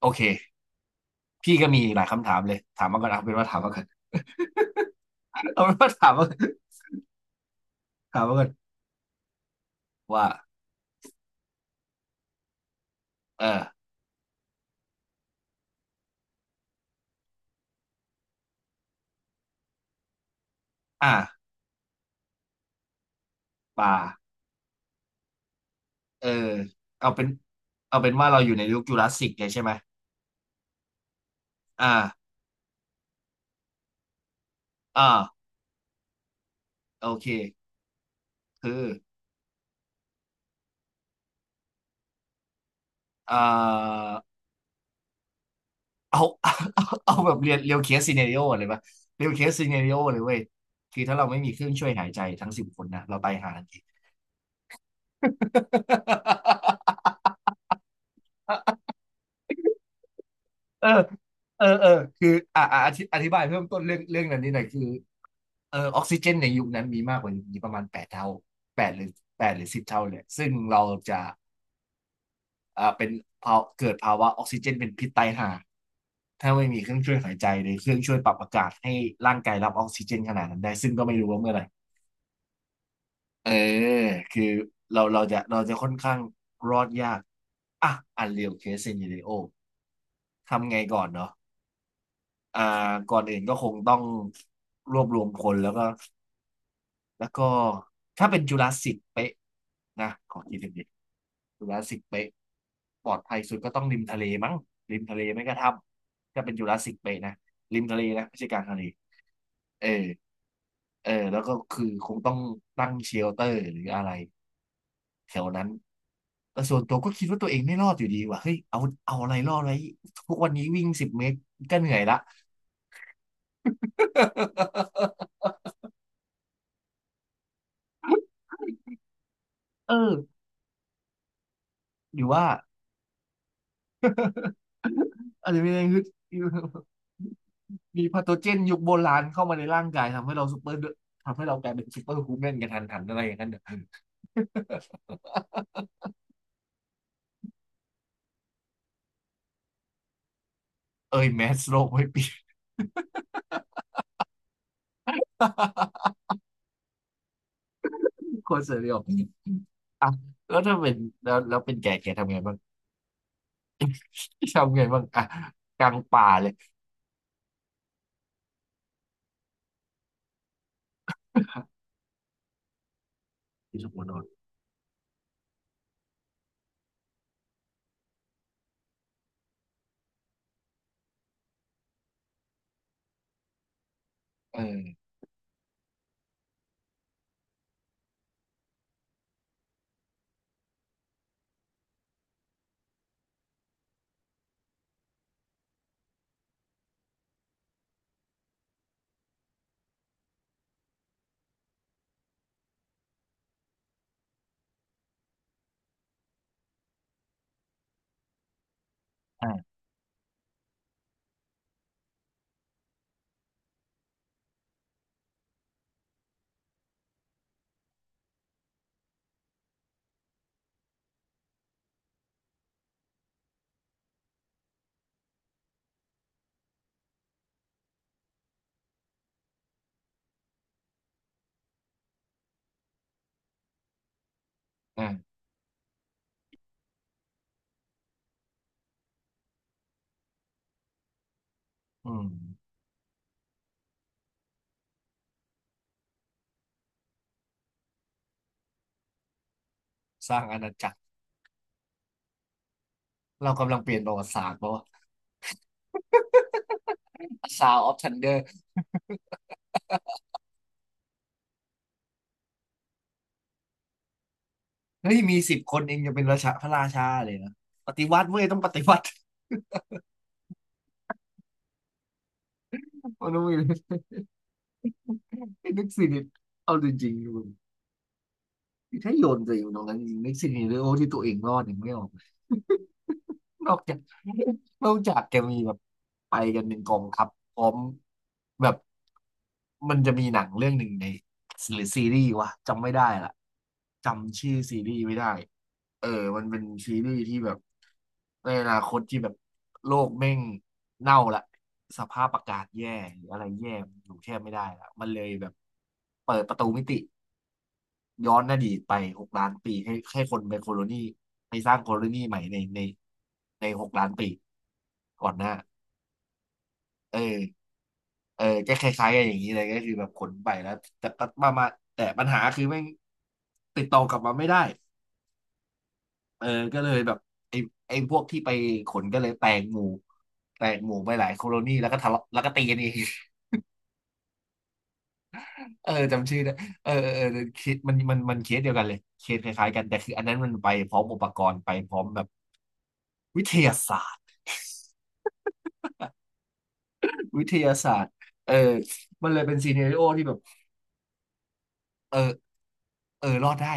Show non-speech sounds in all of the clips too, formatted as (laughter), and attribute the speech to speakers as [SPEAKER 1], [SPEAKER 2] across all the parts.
[SPEAKER 1] โอเคพี่ก็มีหลายคำถามเลย ถามมาก่อนเอาเป็นว่าถามมาก่อน (laughs) เอาเป็นว่าถามมาก่อนว่าเอออ่ะป่าเออเอาเป็นเอาเป็นว่าเราอยู่ในยุคจูราสสิกเลยใช่ไหมอ่าอ่าโอเคคืออ่าเอา (laughs) เอาแบบเรียวเคสซีเนริโอเลยปะเรียวเคสซีเนริโอเลยเว้ยคือถ้าเราไม่มีเครื่องช่วยหายใจทั้งสิบคนนะเราตายหาทันที เออเออเออคืออ่าอะอธิบายเพิ่มต้นเรื่องนั้นนิดหน่อยคือออกซิเจนในยุคนั้นมีมากกว่ายุคนี้ประมาณ8 เท่าแปดหรือ8 หรือ 10 เท่าเลยซึ่งเราจะอ่าเป็นภาวะเกิดภาวะออกซิเจนเป็นพิษตายห่าถ้าไม่มีเครื่องช่วยหายใจหรือเครื่องช่วยปรับอากาศให้ร่างกายรับออกซิเจนขนาดนั้นได้ซึ่งก็ไม่รู้ว่าเมื่อไหร่เออคือเราจะค่อนข้างรอดยากอ่ะอันเรียลเคสเซ n เ r เรโอทำไงก่อนเนาะ อ่าก่อนอื่นก็คงต้องรวบรวมคนแล้วก็แล้วก็ถ้าเป็นจุลาสสิกเป๊ะนะขอคิดถึงจุลาสสิกเป๊ะปลอดภัยสุดก็ต้องริมทะเลมั้งริมทะเลไม่ก็ถ้ำถ้าเป็นจุลาสสิกเป๊ะนะริมทะเลนะไม่ใช่กลางทะเลเออแล้วก็คือคงต้องตั้งเชลเตอร์หรืออะไรแถวนั้นแต่ส่วนตัวก็คิดว่าตัวเองไม่รอดอยู่ดีว่ะเฮ้ยเอาอะไรรอดไว้ทุกวันนี้วิ่ง10 เมตรก็เหนื่อยละ (laughs) เออหรือว่า อาจจะมีแรงฮึดมีพาโทเจนยุคโบราณเข้ามาในร่างกายทำให้เรากลายเป็นซูเปอร์ฮูแมนกันทันหันอะไรอย่างนั้นเนอะเอ้ยแมสโลกไม่เปลี่ยน (laughs) คนเสรีออกอ่ะแล้วถ้าเป็นแล้วเป็นแกทำไงบ้างอ่ะกลางป่าเลยที่สมุนอนเอออ่าอ่าอืมสร้างอาณาจักรเรากำลังเปลี่ยนประวัติศาสตร์ป่าวซาวออฟทันเดอร์เฮ้ยมีสิบคนเองจะเป็นราชาพระราชาเลยนะปฏิวัติเว้ยต้องปฏิวัติ โอโนไมิเลสไอ้ (laughs) นึกซินิตเอาจริงๆมึงถ้าโยนตัวเองตรงนั้นจริงนึกซินิตเลยโอ้ที่ตัวเองรอดอย่างไม่ออก นอกจาก (laughs) นอกจากจะมีแบบไปกันเป็นกองทัพพร้อมแบบมันจะมีหนังเรื่องหนึ่งในหรือซีรีส์วะจำไม่ได้ละจำชื่อซีรีส์ไม่ได้เออมันเป็นซีรีส์ที่แบบในอนาคตที่แบบโลกแม่งเน่าละสภาพอากาศแย่หรืออะไรแย่อยู่แทบไม่ได้ละมันเลยแบบเปิดประตูมิติ ย้อนอดีตไป6 ล้านปีให้คนเป็นโคโลนีให้สร้างโคโลนีใหม่ในในหกล้านปีก่อนหน้าเออก็คล้ายๆกันอย่างนี้เลยก็คือแบบขนไปแล้วแต่ก็มาแต่ปัญหาคือแม่งติดต่อกลับมาไม่ได้เออก็เลยแบบไอ้ไอ้พวกที่ไปขนก็เลยแตกหมู่ไปหลายโคโลนีแล้วก็ทะเลาะแล้วก็ตีกันเอง (laughs) จำชื่อได้เคสมันเคสเดียวกันเลยเคสคล้ายๆกันแต่คืออันนั้นมันไปพร้อมอุปกรณ์ไปพร้อมแบบวิทยาศาสตร์ วิทยาศาสตร์เออมันเลยเป็นซีเน r ร o โอที่แบบ เออ เออรอดได้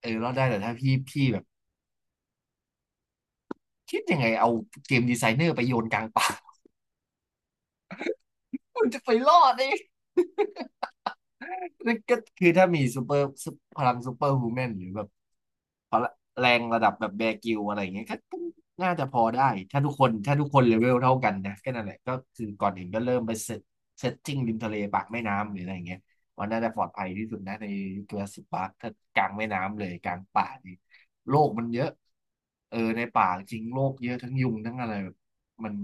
[SPEAKER 1] เออรอดได้แต่ถ้าพี่แบบคิดยังไงเอาเกมดีไซเนอร์ไปโยนกลางป่า (laughs) มันจะไปรอดได้ นั่นก็คือถ้ามีซูเปอร์ฮูแมนหรือแบบพละแรงระดับแบบแบร์กิลอะไรอย่างเงี้ยก็น่าจะพอได้ถ้าทุกคนเลเวลเท่ากันนะก็นั่นแหละก็คือก่อนอื่นก็เริ่มไปเซตติ้งริมทะเลปากแม่น้ำหรืออะไรอย่างเงี้ยว่าน่าจะปลอดภัยที่สุดนะในยุคจูราสสิคปาร์คถ้ากลางแม่น้ำเลยกลางป่านี่โลกมันเยอะในป่าจริงโลกเยอะทั้งยุงทั้งอะไร มัน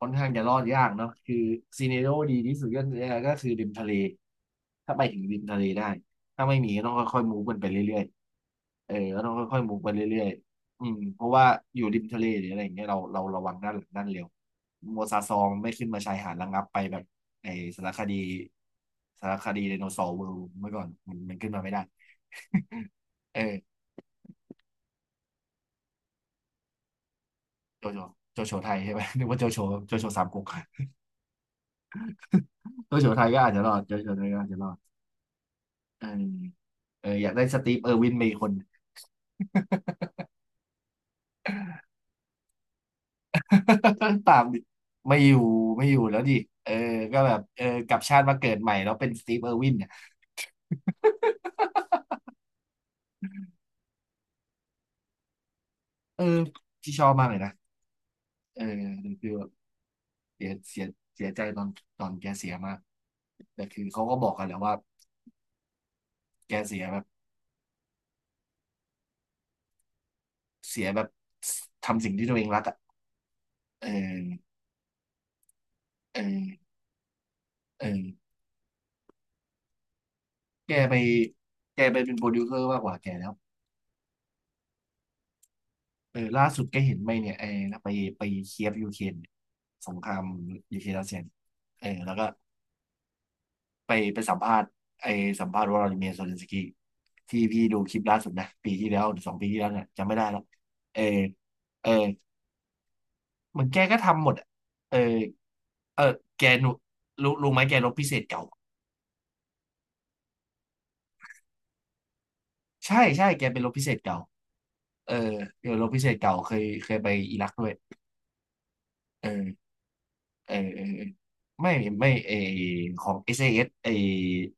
[SPEAKER 1] ค่อนข้างจะรอดยากเนาะคือซีเนโรดีที่สุดก็คือริมทะเลถ้าไปถึงริมทะเลได้ถ้าไม่มีก็ต้องค่อยๆมูฟกันไปเรื่อยๆก็ต้องค่อยๆมูฟไปเรื่อยๆอืมเพราะว่าอยู่ริมทะเลหรืออะไรอย่างเงี้ยเราระวังด้านหลังด้านเร็วโมซาซองไม่ขึ้นมาชายหาดระงับไปแบบไอสารคดีไดโนเสาร์เวิลด์เมื่อก่อนมันขึ้นมาไม่ได้ (laughs) เออโจโฉโจโฉไทยใช่ไหมนึกว่าโจโฉโจโฉสามก๊กโจโฉไทยก็อาจจะรอดโจโฉไทยก็อาจจะรอด เออเอออยากได้สตีฟเออร์วินมอีกคน (laughs) ตามดิไม่อยู่ไม่อยู่แล้วดิเออก็แบบเออกลับชาติมาเกิดใหม่แล้วเป็นสตีฟเออร์วินเนี่ยเออที่ชอบมากเลยนะเออคือแบบเสียเสียใจตอนแกเสียมากแต่คือเขาก็บอกกันแหล้วว่าแกเสียแบบเสียแบบทำสิ่งที่ตัวเองรักอ่ะเออเออเออแกไปแกไปเป็นโปรดิวเซอร์มากกว่าแกแล้ว เออล่าสุดก็เห็นไปเนี่ยเออไปไปเคียฟยูเครนเนี่ยสงครามยูเครนรัสเซียเออแล้วก็ไปสัมภาษณ์ไอสัมภาษณ์วลาดิเมียร์โซเลนสกี้ที่พี่ดูคลิปล่าสุดนะปีที่แล้วหรือสองปีที่แล้วเนี่ยจำไม่ได้แล้วเออเออเหมือนแกก็ทำหมดอะเออเออแกหนูรู้ไหมแกรบพิเศษเก่าใช่ใช่แกเป็นรบพิเศษเก่าเออเดี๋ยวรบพิเศษเก่าเคยไปอิรักด้วยเออเออเออเออไม่ไม่เออของ SAS เอเอสไอ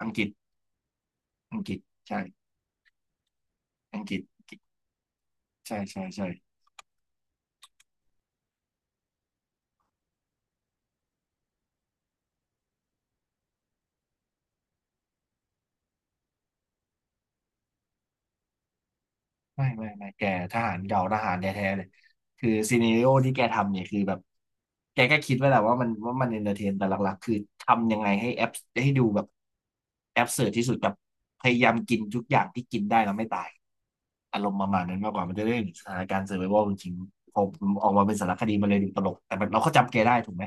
[SPEAKER 1] อังกฤษ อังกฤษใช่อังกฤษอังกฤษใช่ใช่ใช่ไม่แกทหารเก่าทหารแท้ๆเลยคือซีเนริโอที่แกทำเนี่ยคือแบบแกก็คิดไว้แหละว่ามันเอนเตอร์เทนแต่หลักๆคือทำยังไงให้แอปให้ดูแบบแอปเสิร์ที่สุดกับพยายามกินทุกอย่างที่กินได้แล้วไม่ตายอารมณ์ประมาณนั้นมากกว่ามันจะได้เห็นสถานการณ์เซอร์ไววัลจริงๆพอออกมาเป็นสารคดีมันเลยดูตลกแต่มันเราก็จำแกได้ถูกไหม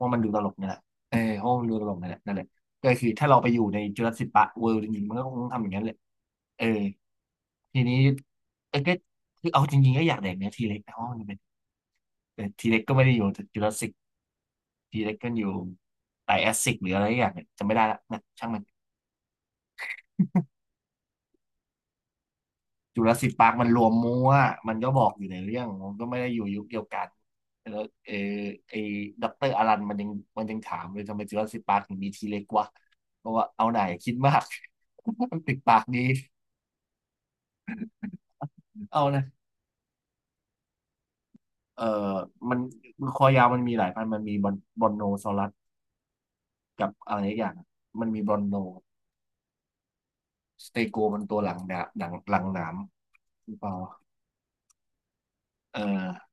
[SPEAKER 1] ว่ามันดูตลกนี่แหละเออเพราะว่ามันดูตลกนี่แหละนั่นแหละ ก็คือถ้าเราไปอยู่ในจุลศิลปะเวิลด์จริงๆมันก็คงต้องทำอย่างนั้นแหละเออทีนี้เออก็คือเอาจริงๆก็อยากแดกเนื้อทีเล็กแต่ว่ามันเป็นแต่ทีเล็กก็ไม่ได้อยู่จุลศิลป์ทีเล็กก็อยู่ไดแอสซิกหรืออะไรอย่างเนี่ยจำไม่ได้ละนะช่างมันจุลศิลป์ปาร์คมันรวมมั่วมันก็บอกอยู่ในเรื่องมันก็ไม่ได้อยู่ยุคเดียวกันแล้วเออไอ้ด็อกเตอร์อารันมันยังถามเลยทำไมจุลศิลป์ปาร์คถึงมีทีเล็กวะเพราะว่าเอาไหนคิดมาก (laughs) มันติดปากดีเอาไหน เอ่อมันคอยาวมันมีหลายพันธุ์มันมีบอนโนซอรัสกับอะไรอีกอย่าง มันมีบอนโนสเตโกมันตัวหลังดาหลังหนามหรือเปล่าเออ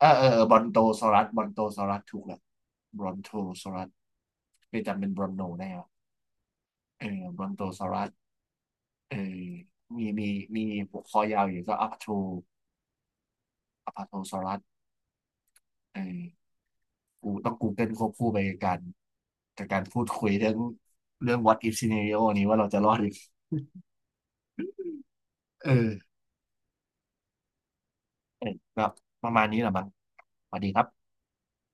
[SPEAKER 1] เออเออเออบอนโตซอรัสบอนโตซอรัสถูกแล้วบอนโทซอรัสไปจำเป็นบอนโนแนรอะเออบอนโตซอรัสเออมีมีหัวคอยาวอยู่ก็อัพโทซอรัสเออกูต้องกูเกิลควบคู่ไปกับการจากบการพูดคุยเรื่อง what if scenario นี้ว่าเราจะรอดหรือ เออเออก็ประมาณนี้แหละมั้งสวัสดีครับ